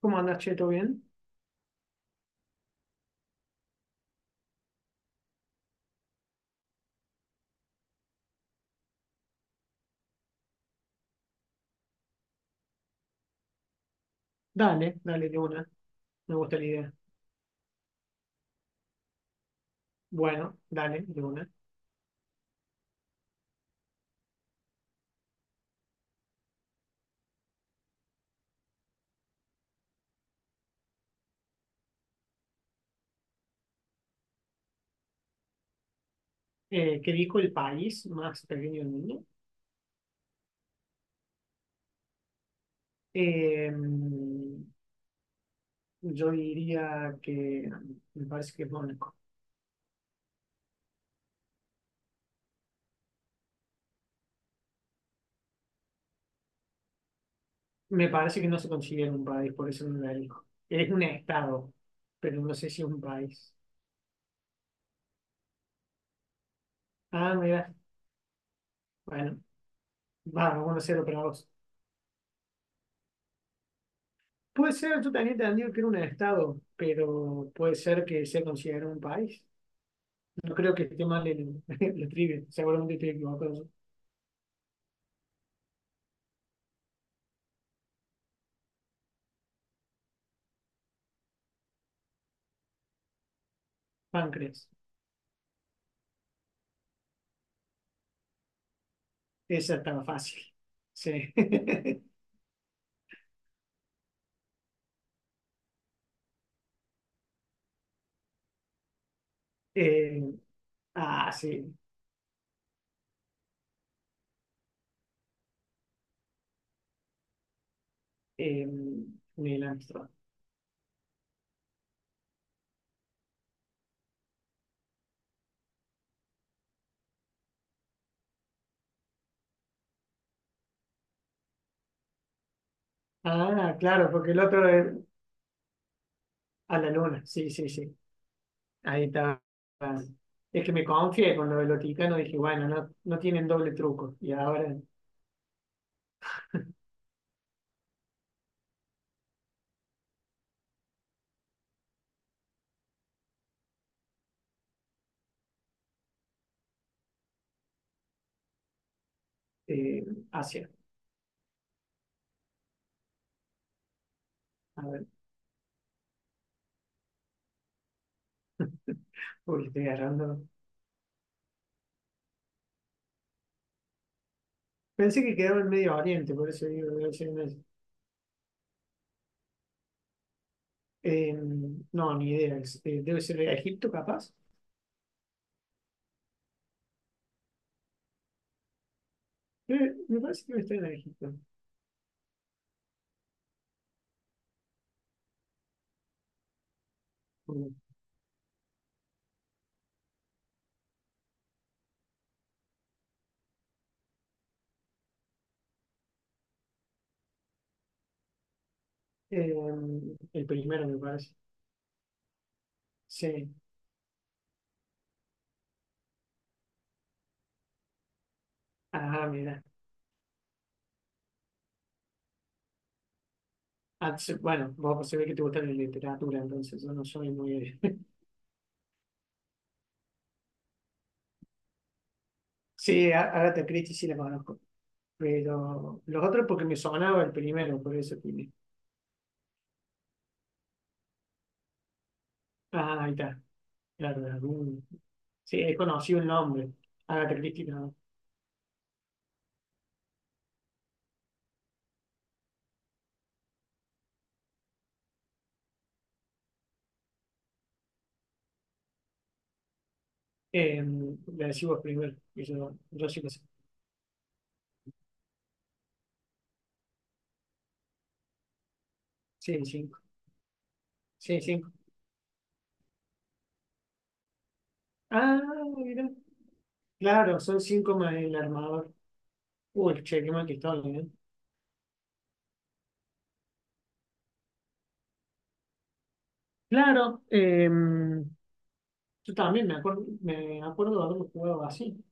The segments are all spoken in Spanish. ¿Cómo andas, che? ¿Todo bien? Dale, dale, de una. Me gusta la idea. Bueno, dale, de una. ¿Qué dijo el país más pequeño del mundo? Eh, yo diría que me parece que es Mónaco. Me parece que no se considera un país, por eso no la dijo. Es un estado, pero no sé si es un país. Ah, mira, bueno, vamos, 1-0 para vos. Puede ser, yo también te entendido que era un estado, pero puede ser que sea considerado un país. No creo que esté mal el, la trivia. Seguramente estoy equivocado. Páncreas. Esa estaba fácil. Sí. Eh, ah, sí. Eh, Neil Armstrong. Ah, claro, porque el otro es a la luna. Sí, sí, sí. Ahí estaba. Es que me confié con lo del Vaticano. Dije, bueno, no, no tienen doble truco. Y ahora eh, Asia. A ver, porque estoy agarrando. Pensé que quedaba en Medio Oriente, por eso digo, debe ser en ese. Eh, no, ni idea. Debe ser Egipto, capaz. Me parece que me estoy en naranjito. Eh, el primero, me parece. Sí. Ah, mira. Bueno, vos pues, se ve que te gusta la literatura, entonces yo no soy muy. Sí, Agatha Christie sí la conozco. Pero los otros porque me sonaba el primero, por eso tiene. Ah, ahí está. Claro, de algún- Sí, he conocido el nombre. Agatha Christie, no. Eh, la decís vos primero. Yo sí lo sé. Sí, cinco. Sí, cinco. Ah, mira. Claro, son cinco más el armador. Uy, che, qué mal que estoy, ¿eh? Claro, yo también me acuerdo de haberlo jugado así,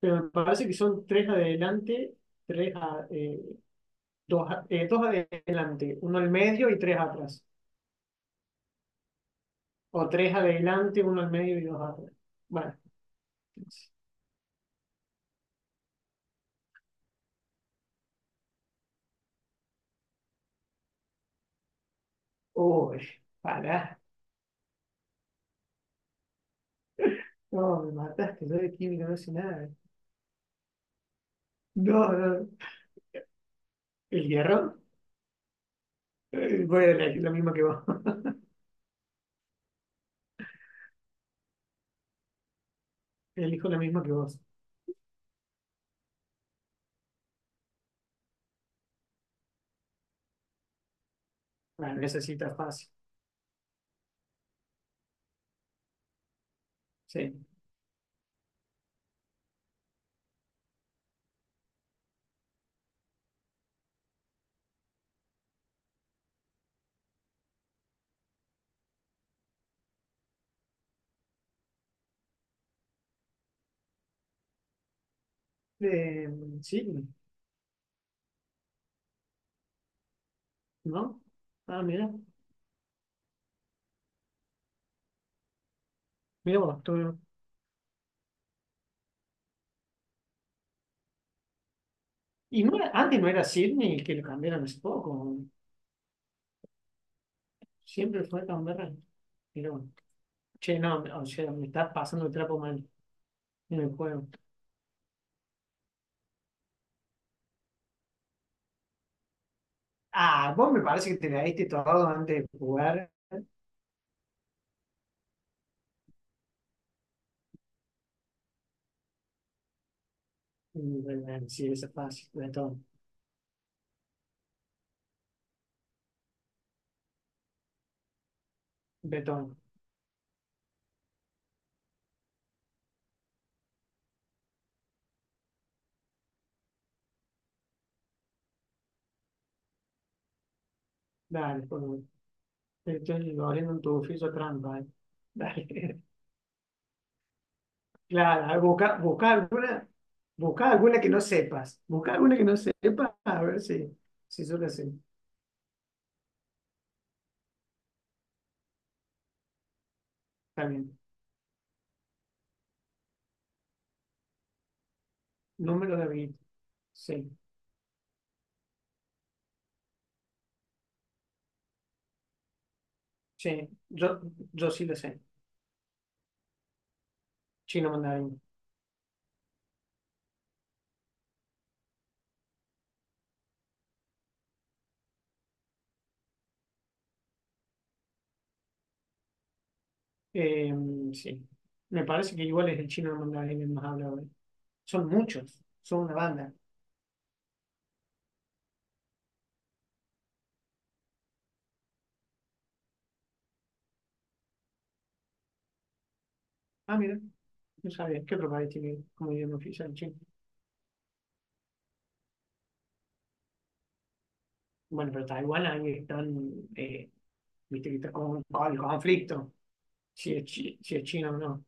pero me parece que son tres adelante, tres a- dos, a- dos adelante, uno al medio y tres atrás. O tres adelante, uno al medio y dos atrás. Bueno, uy, pará, no, me mataste, yo de química no sé nada. No, no, ¿el hierro? Voy a elegir la misma que vos. Elijo la misma que vos. Bueno, necesita fácil, sí. De Sydney, ¿no? Ah, mira, mira vos, tú- y antes no era Sydney que lo cambiaron hace poco, siempre fue Canberra. Pero, bueno, che, no, o sea, me estás pasando el trapo mal en el juego. Ah, vos me parece que te leíste todo antes de jugar. Bueno, sí, eso es fácil, betón, betón. Dale, por favor. Estoy abriendo un tubo, trampa, eh. Dale. Claro, a ver, busca alguna, busca alguna que no sepas. Busca alguna que no sepas, a ver si, si yo la sé. Está bien. Número de bit. Sí. Sí. Yo sí la sé. Chino mandarín. Eh, sí. Me parece que igual es el chino mandarín el más hablado, ¿eh? Son muchos. Son una banda. Ah, mira. No sabía. ¿Qué otro país tiene como idioma oficial chino? Bueno, pero Taiwán ahí están. Eh, viste que está con el conflicto. Si es chino o no.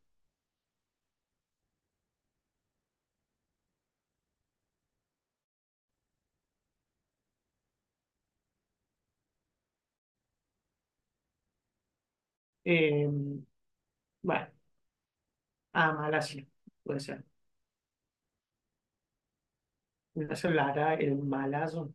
Eh, bueno, a Malasia puede ser. Ignacio Lara, el malazo,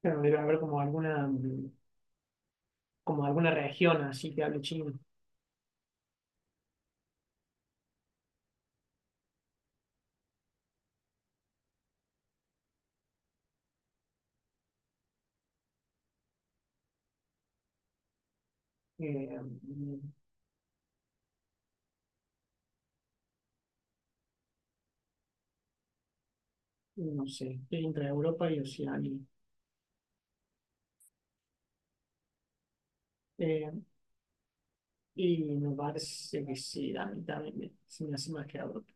pero debe haber como alguna, como alguna región así que hable chino. Eh, mm, no sé, entre Europa y Oceanía. Eh, y me parece que sí, a mí también se me hace más que Europa.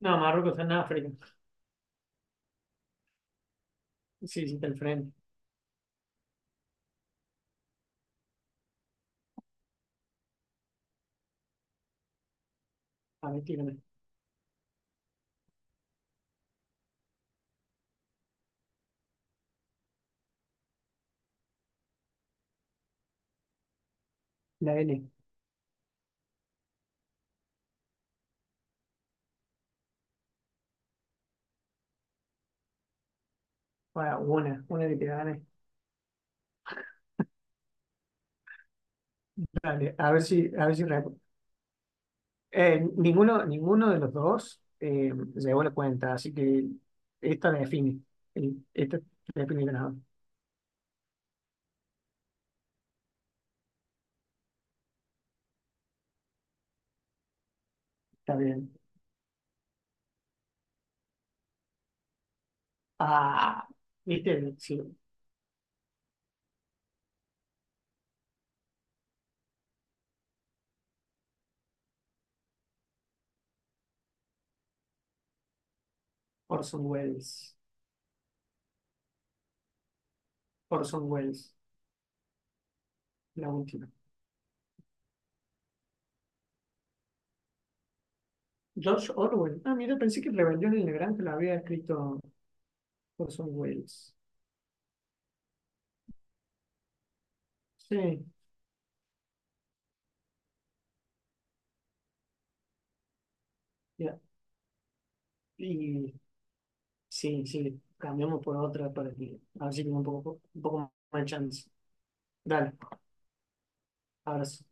No, Marruecos está en África. Sí, sí, está al frente. A ver, tírame. La L. Bueno, una que te gane. Dale, a ver si recuerdo. Ninguno de los dos llegó la cuenta, así que esta la define. Esta la define el ganador. Está bien. Ah, viste, sí, Orson Welles. Orson Welles, la última. George Orwell. Ah, mira, pensé que Rebelión en la Granja lo había escrito Orson Welles. Sí, ya. Y sí, sí, cambiamos por otra para que, a ver si tengo un poco más de chance. Dale, abrazo.